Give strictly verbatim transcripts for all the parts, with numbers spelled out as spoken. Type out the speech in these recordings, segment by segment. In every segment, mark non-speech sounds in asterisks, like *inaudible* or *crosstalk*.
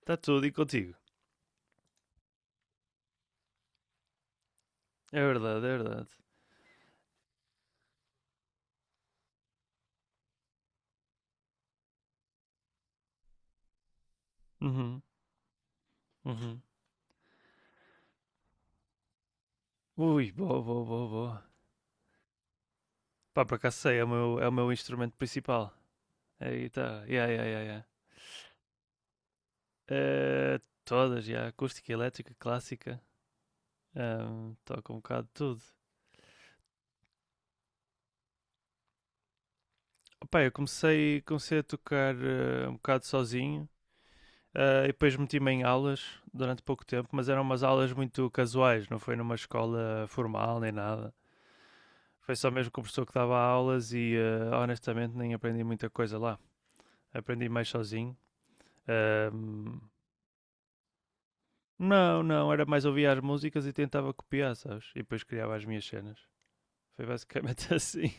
Está tudo e contigo. É verdade, é verdade. Uhum, uhum. Ui, boa, boa, boa, boa. Pá, por acaso sei, é o meu, é o meu instrumento principal. É a guitarra. Yeah, yeah, yeah, yeah. Eh, Todas, yeah. Acústica, elétrica, clássica. Ahm, toco um bocado de tudo. Pá, eu comecei, comecei a tocar eh, um bocado sozinho. Eh, e depois meti-me em aulas durante pouco tempo, mas eram umas aulas muito casuais, não foi numa escola formal nem nada. Foi só mesmo com o professor que dava aulas e eh, honestamente nem aprendi muita coisa lá. Aprendi mais sozinho. Ahm, não, não, era mais ouvir as músicas e tentava copiar, sabes? E depois criava as minhas cenas. Foi basicamente *laughs* assim.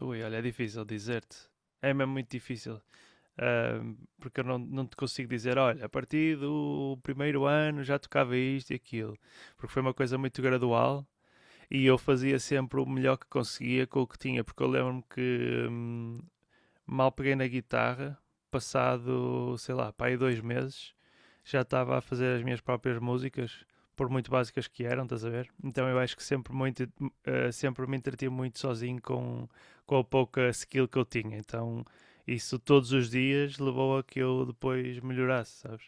Ui, olha, é difícil dizer-te. É mesmo muito difícil. Ahm, porque eu não, não te consigo dizer, olha, a partir do primeiro ano já tocava isto e aquilo. Porque foi uma coisa muito gradual e eu fazia sempre o melhor que conseguia com o que tinha, porque eu lembro-me que hum, mal peguei na guitarra, passado, sei lá, para aí dois meses, já estava a fazer as minhas próprias músicas, por muito básicas que eram, estás a ver? Então eu acho que sempre, muito, eh, sempre me entreti muito sozinho com, com a pouca skill que eu tinha. Então isso todos os dias levou a que eu depois melhorasse, sabes?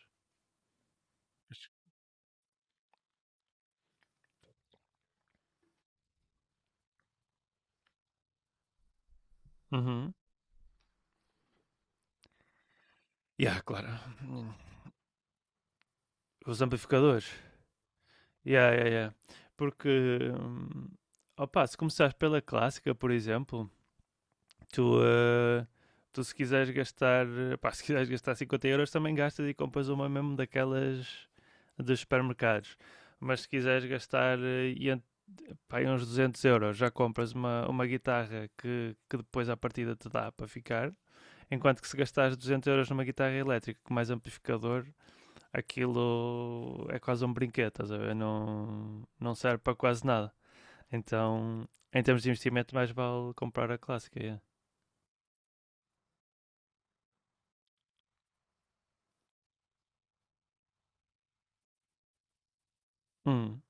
Uhum. Yeah, claro. Os amplificadores. Yeah, yeah, yeah. Porque, hum, opa, se começares pela clássica, por exemplo, tu, eh, tu se quiseres gastar, eh, pá, *laughs* se quiseres gastar cinquenta euros, também gastas e compras uma mesmo daquelas dos supermercados. Mas se quiseres gastar eh, pá, uns duzentos euros, já compras uma, uma guitarra que, que depois à partida te dá para ficar. Enquanto que se gastares duzentos euros numa guitarra elétrica com mais amplificador, aquilo é quase um brinquedo, estás a ver? Não, não serve para quase nada. Então, em termos de investimento, mais vale comprar a clássica. Yeah. Hum.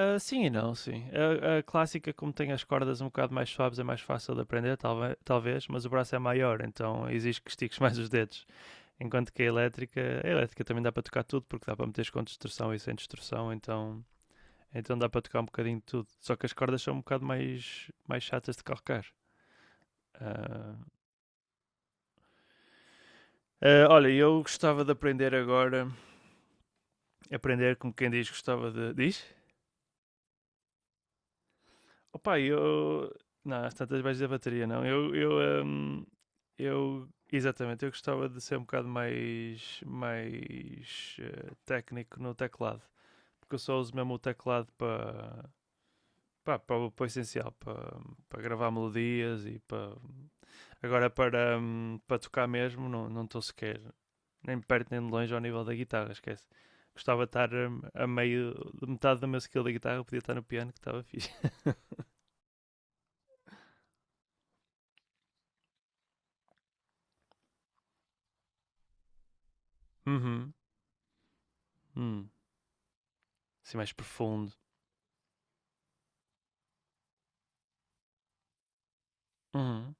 Ah, sim e não, sim. A, a clássica, como tem as cordas um bocado mais suaves, é mais fácil de aprender, talve- talvez, mas o braço é maior, então exige que estiques *laughs* mais os dedos. Enquanto que a elétrica, a elétrica também dá para tocar tudo, porque dá para meter com distorção e sem distorção, então, então dá para tocar um bocadinho de tudo. Só que as cordas são um bocado mais, mais chatas de calcar. Ah, ah, olha, eu gostava de aprender agora, aprender como quem diz, gostava de... Diz? Opa, eu. Não, às tantas baixas da bateria, não. Eu. eu, hum, eu... Exatamente, eu gostava de ser um bocado mais, mais eh, técnico no teclado, porque eu só uso mesmo o teclado para pá, para o para o essencial, para, para gravar melodias e para. Agora, para, hum, para tocar mesmo, não não estou sequer nem de perto nem de longe ao nível da guitarra, esquece. Gostava de estar hum, a meio de metade da minha skill da guitarra, podia estar no piano, que estava fixe. *laughs* Uhum. Hum. Assim mais profundo. Uhum.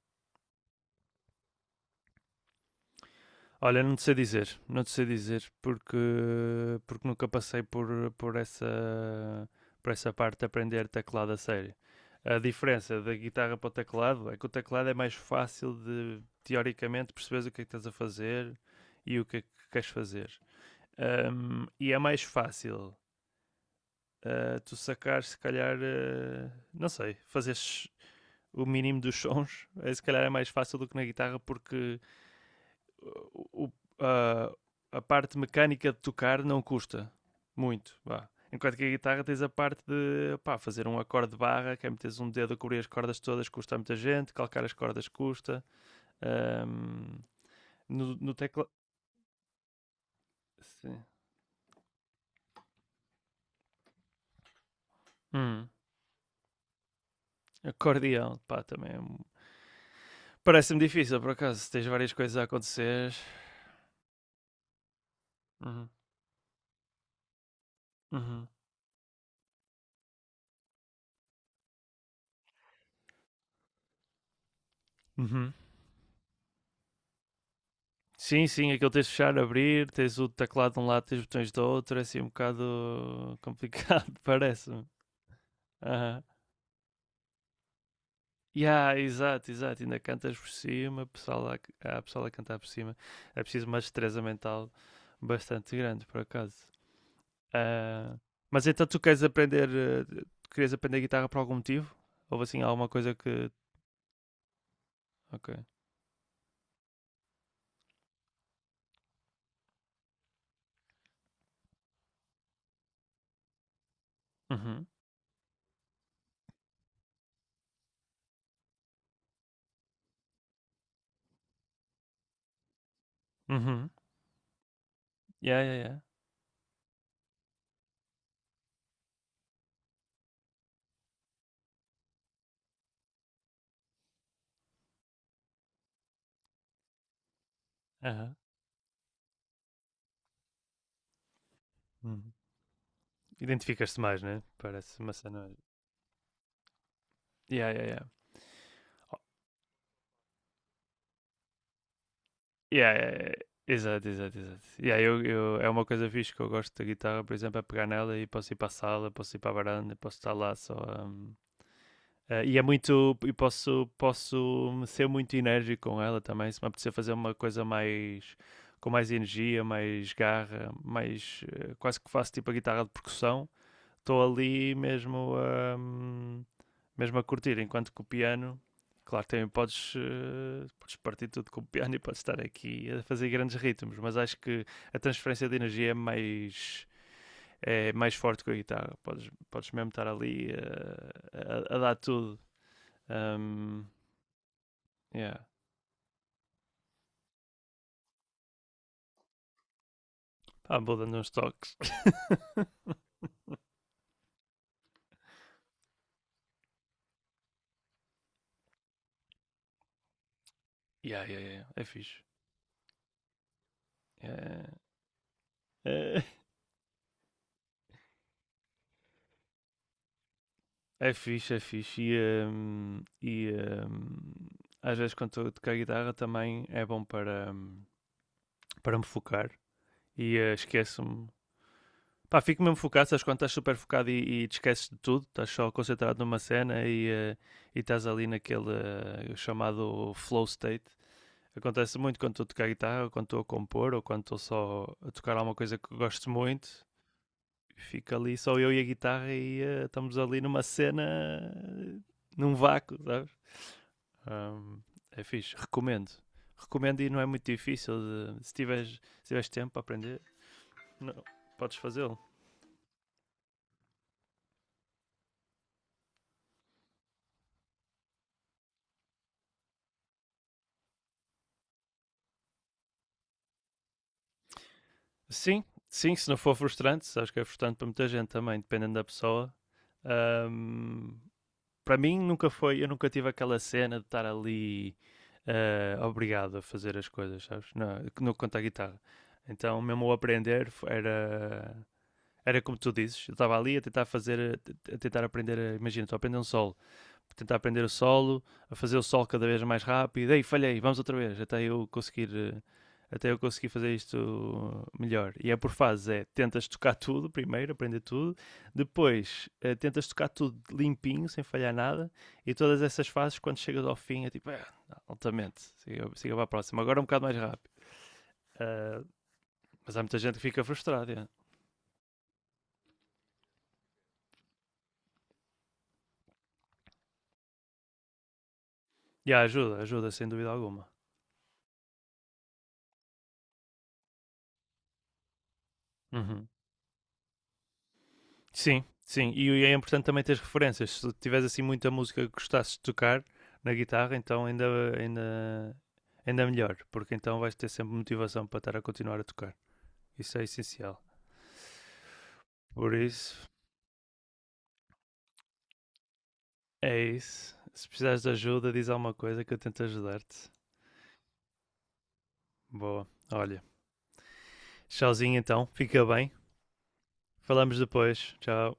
Olha, não te sei dizer, não te sei dizer, porque, porque nunca passei por, por, essa, por essa parte de aprender teclado a sério. A diferença da guitarra para o teclado é que o teclado é mais fácil de, teoricamente, perceberes o que é que estás a fazer e o que é que queres fazer. Um, e é mais fácil uh, tu sacar, se calhar, uh, não sei, fazeres o mínimo dos sons, é, se calhar é mais fácil do que na guitarra, porque o- a, a parte mecânica de tocar não custa muito. Vá. Enquanto que a guitarra tens a parte de pá, fazer um acorde de barra, que é meteres um dedo a cobrir as cordas todas, custa a muita gente, calcar as cordas custa. Ahm, no, no teclado. Sim. Hum, Acordeão, pá, também é um- Parece-me difícil, por acaso, se tens várias coisas a acontecer. Uhum, uhum, uhum. Sim, sim, aquilo tens de fechar, abrir, tens o teclado de um lado, tens os botões do outro, é assim um bocado *laughs* complicado, parece-me. Aham. Yeah, exato, exato. Ainda cantas por cima, pessoal lá, há pessoal a cantar por cima. É preciso uma destreza mental bastante grande, por acaso. Ah, mas então tu queres aprender, eh, tu querias aprender guitarra por algum motivo? Houve assim alguma coisa que. Ok. Uhum. Uhum. Yeah, yeah, yeah. Aham. Uhum. Identificas-te mais, né? Parece uma cena. Yeah, yeah, yeah. Yeah, é- exato, exato, exato. Yeah, eu, eu, é uma coisa fixe que eu gosto da guitarra, por exemplo, é pegar nela e posso ir para a sala, posso ir para a varanda, posso estar lá só. hum, eh, e é muito. E posso, posso hum, ser muito enérgico com ela também. Se me apetecer fazer uma coisa mais. Com mais energia, mais garra, mais. Eh, quase que faço tipo a guitarra de percussão estou ali mesmo a, mesmo a curtir, enquanto que o piano, claro, também podes, eh, podes partir tudo com o piano e podes estar aqui a fazer grandes ritmos, mas acho que a transferência de energia é mais, é mais forte com a guitarra, podes, podes mesmo estar ali eh, a, a dar tudo. Um, yeah. Pá, vou dando uns toques. Yeah, yeah, yeah. Yeah. É fixe. Yeah. Eh, É fixe, é fixe. E, hum, e, hum, às vezes quando estou a tocar guitarra também é bom para, hum, para me focar. E eh, esqueço-me. Pá, fico mesmo focado, sabes quando estás super focado e, e te esqueces de tudo, estás só concentrado numa cena e, eh, e estás ali naquele eh, chamado flow state. Acontece muito quando estou a tocar guitarra, ou quando estou a compor, ou quando estou só a tocar alguma coisa que gosto muito. Fica ali só eu e a guitarra e eh, estamos ali numa cena, eh, num vácuo, sabes? Ahm, É fixe, recomendo. Recomendo e não é muito difícil. de- se, tiveres, se tiveres tempo para aprender, não, podes fazê-lo. Sim, sim, se não for frustrante, sabes que é frustrante para muita gente também, dependendo da pessoa. Ahm, Para mim nunca foi, eu nunca tive aquela cena de estar ali eh, obrigado a fazer as coisas, sabes? Não, no quanto à guitarra. Então, mesmo ao aprender, era, era como tu dizes, eu estava ali a tentar fazer, a tentar aprender, imagina, estou a aprender um solo tentar aprender o solo, a fazer o solo cada vez mais rápido. Ei, falhei, vamos outra vez, até eu conseguir, eh, até eu conseguir fazer isto melhor. E é por fases, é tentas tocar *laughs* tudo primeiro, aprender tudo, depois eh, tentas tocar tudo limpinho, sem falhar nada, e todas essas fases, quando chegas ao fim, é tipo, ah, altamente, siga, siga para a próxima, agora um bocado mais rápido. Ah, mas há muita gente que fica frustrada. Yeah. Yeah, ajuda, ajuda, sem dúvida alguma. Uhum. Sim, sim. E é importante também ter referências. Se tiveres assim muita música que gostasses de tocar na guitarra, então ainda, ainda, ainda melhor, porque então vais ter sempre motivação para estar a continuar a tocar. Isso é essencial. Por isso, é isso. Se precisares de ajuda, diz alguma coisa que eu tento ajudar-te. Boa. Olha, tchauzinho então. Fica bem. Falamos depois. Tchau.